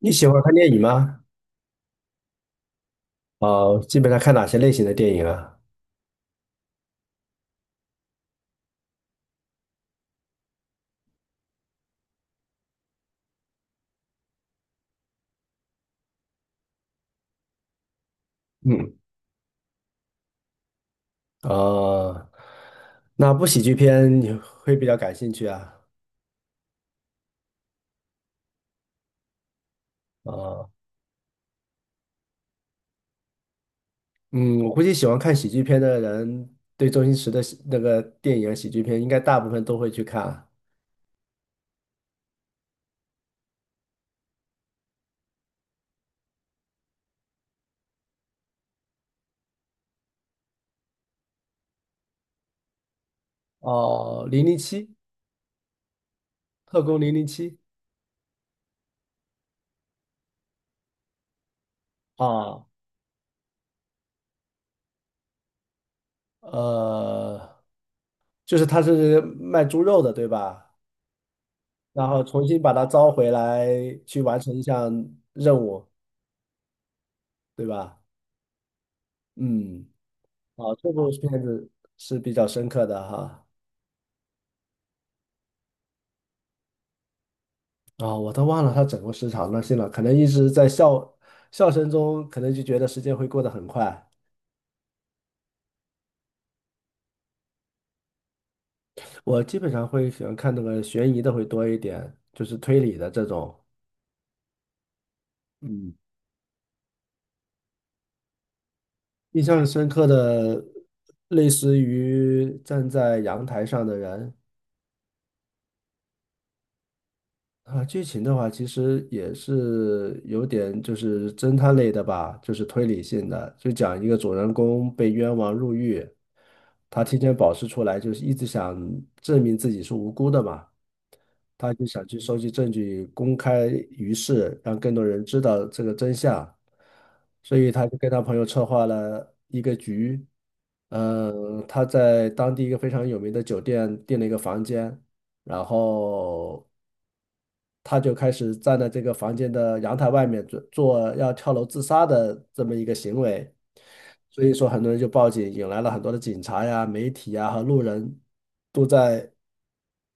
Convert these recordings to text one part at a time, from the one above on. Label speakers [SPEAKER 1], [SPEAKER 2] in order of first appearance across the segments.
[SPEAKER 1] 你喜欢看电影吗？啊，基本上看哪些类型的电影啊？嗯，啊，那部喜剧片你会比较感兴趣啊？啊，嗯，我估计喜欢看喜剧片的人，对周星驰的喜那个电影啊喜剧片，应该大部分都会去看啊。哦，《零零七》《特工零零七》啊，呃，就是他是卖猪肉的，对吧？然后重新把它招回来，去完成一项任务，对吧？嗯。啊，这部片子是比较深刻的哈。啊、我都忘了它整个时长了，信了，可能一直在笑声中，可能就觉得时间会过得很快。我基本上会喜欢看那个悬疑的会多一点，就是推理的这种。嗯，印象深刻的，类似于站在阳台上的人，啊，剧情的话，其实也是有点就是侦探类的吧，就是推理性的，就讲一个主人公被冤枉入狱，他提前保释出来，就是一直想证明自己是无辜的嘛，他就想去收集证据，公开于世，让更多人知道这个真相，所以他就跟他朋友策划了一个局，嗯，他在当地一个非常有名的酒店订了一个房间。然后他就开始站在这个房间的阳台外面做要跳楼自杀的这么一个行为，所以说很多人就报警，引来了很多的警察呀、媒体呀和路人都在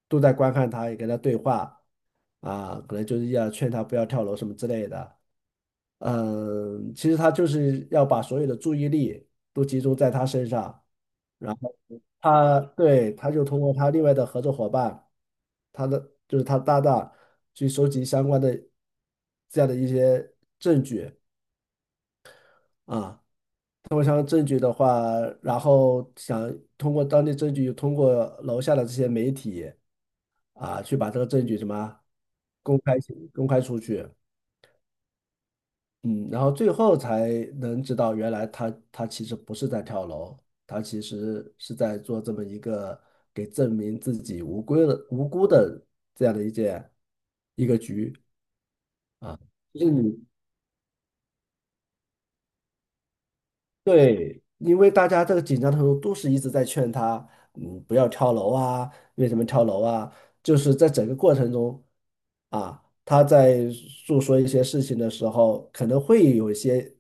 [SPEAKER 1] 都在观看他，也跟他对话啊，可能就是要劝他不要跳楼什么之类的。嗯，其实他就是要把所有的注意力都集中在他身上。然他，他就通过他另外的合作伙伴，他的就是他的搭档，去收集相关的这样的一些证据啊。通过相关证据的话，然后想通过当地证据，通过楼下的这些媒体啊，去把这个证据什么公开公开出去。嗯，然后最后才能知道，原来他其实不是在跳楼，他其实是在做这么一个给证明自己无辜的这样的一个局啊。就是你对，因为大家这个紧张的时候都是一直在劝他，嗯，不要跳楼啊，为什么跳楼啊？就是在整个过程中，啊，他在诉说一些事情的时候，可能会有一些，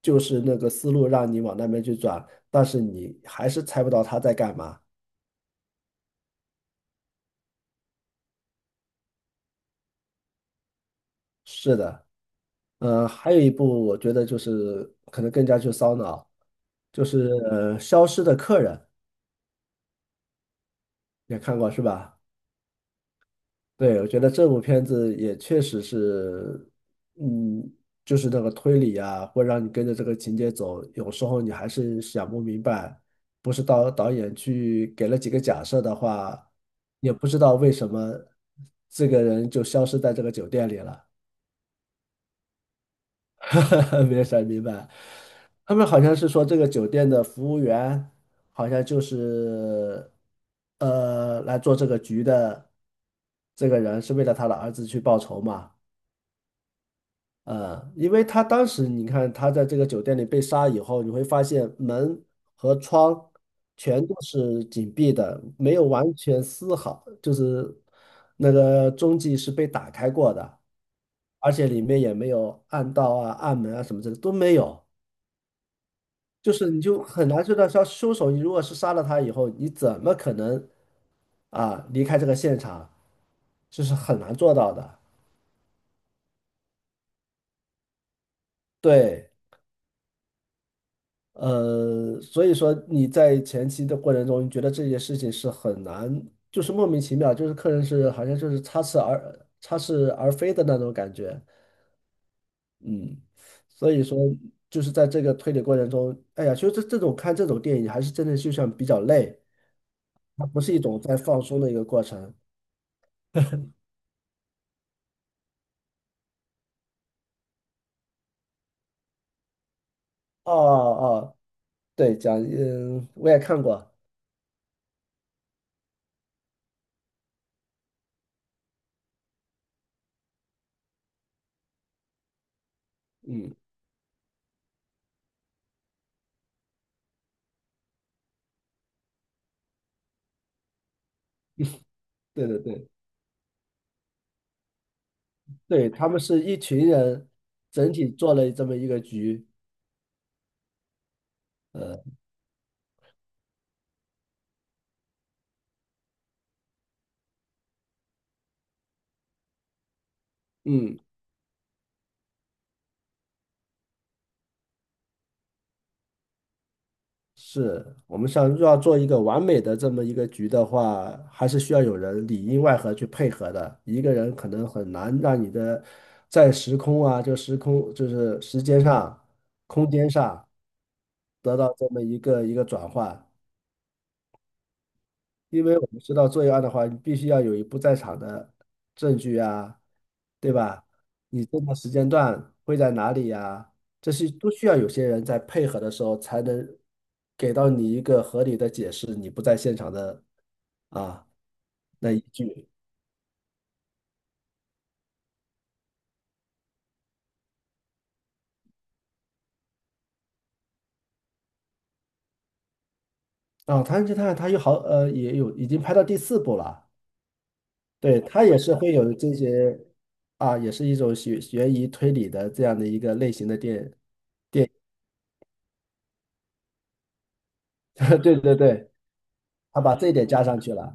[SPEAKER 1] 就是那个思路让你往那边去转，但是你还是猜不到他在干嘛。是的，还有一部我觉得就是可能更加去烧脑，就是消失的客人》，也看过是吧？对，我觉得这部片子也确实是，嗯，就是那个推理啊，会让你跟着这个情节走，有时候你还是想不明白，不是导演去给了几个假设的话，也不知道为什么这个人就消失在这个酒店里了，没有想明白。他们好像是说这个酒店的服务员好像就是来做这个局的这个人是为了他的儿子去报仇嘛。因为他当时你看他在这个酒店里被杀以后，你会发现门和窗全都是紧闭的，没有完全丝毫，就是那个踪迹是被打开过的，而且里面也没有暗道啊、暗门啊什么之类的都没有，就是你就很难知道，像凶手，你如果是杀了他以后，你怎么可能啊离开这个现场？这是很难做到的。对。所以说你在前期的过程中，你觉得这件事情是很难，就是莫名其妙，就是客人是好像就是插翅而飞的那种感觉，嗯，所以说就是在这个推理过程中，哎呀，其实这种看这种电影还是真的就像比较累，它不是一种在放松的一个过程。哦哦，对，讲，嗯，我也看过，嗯，对对对，对，他们是一群人整体做了这么一个局，呃，嗯。是我们想要做一个完美的这么一个局的话，还是需要有人里应外合去配合的。一个人可能很难让你的在时空啊，就时空就是时间上、空间上得到这么一个转换。因为我们知道作案的话，你必须要有一不在场的证据啊，对吧？你这个时间段会在哪里呀？这些都需要有些人在配合的时候，才能给到你一个合理的解释，你不在现场的啊那依据。啊，《唐人街探案》它有也有已经拍到第四部了，对，它也是会有这些啊，也是一种悬疑推理的这样的一个类型的电，对对对，它把这一点加上去了。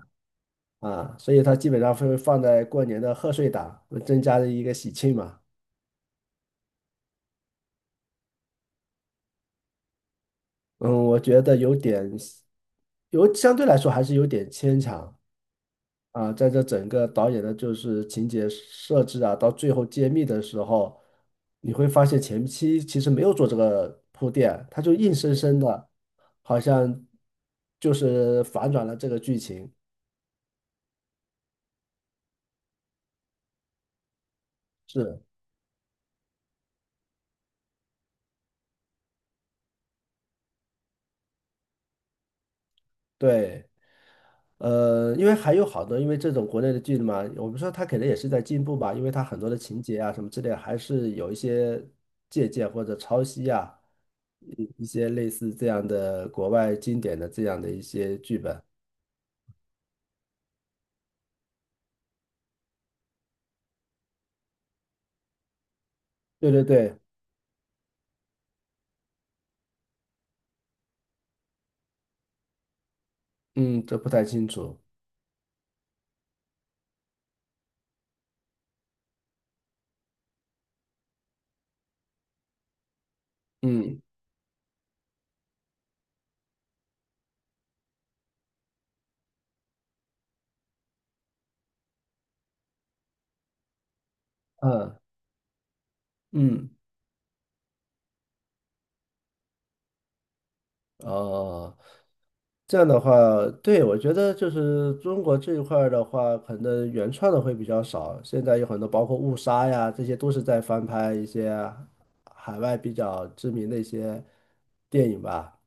[SPEAKER 1] 啊，所以它基本上会放在过年的贺岁档，增加的一个喜庆嘛。嗯，我觉得有点，有相对来说还是有点牵强啊。在这整个导演的就是情节设置啊，到最后揭秘的时候，你会发现前期其实没有做这个铺垫，他就硬生生的，好像就是反转了这个剧情。是，对。因为还有好多，因为这种国内的剧嘛，我们说它可能也是在进步吧，因为它很多的情节啊什么之类，还是有一些借鉴或者抄袭啊，一些类似这样的国外经典的这样的一些剧本。对对对，嗯，这不太清楚。嗯嗯嗯。哦，这样的话，对，我觉得就是中国这一块儿的话，可能原创的会比较少。现在有很多，包括误杀呀，这些都是在翻拍一些海外比较知名的一些电影吧。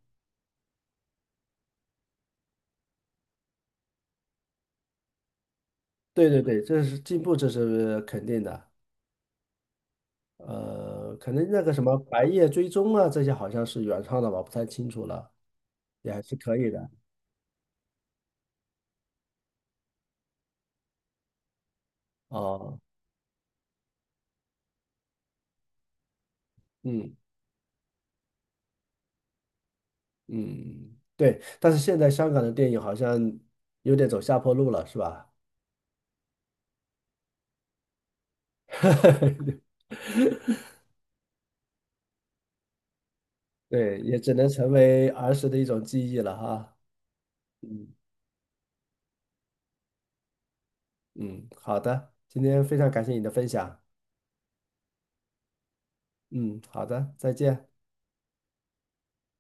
[SPEAKER 1] 对对对，这是进步，这是肯定的。可能那个什么《白夜追踪》啊，这些好像是原创的吧，不太清楚了，也还是可以的。哦，嗯。嗯，对，但是现在香港的电影好像有点走下坡路了，是吧？对，也只能成为儿时的一种记忆了哈。嗯，嗯，好的，今天非常感谢你的分享。嗯，好的，再见。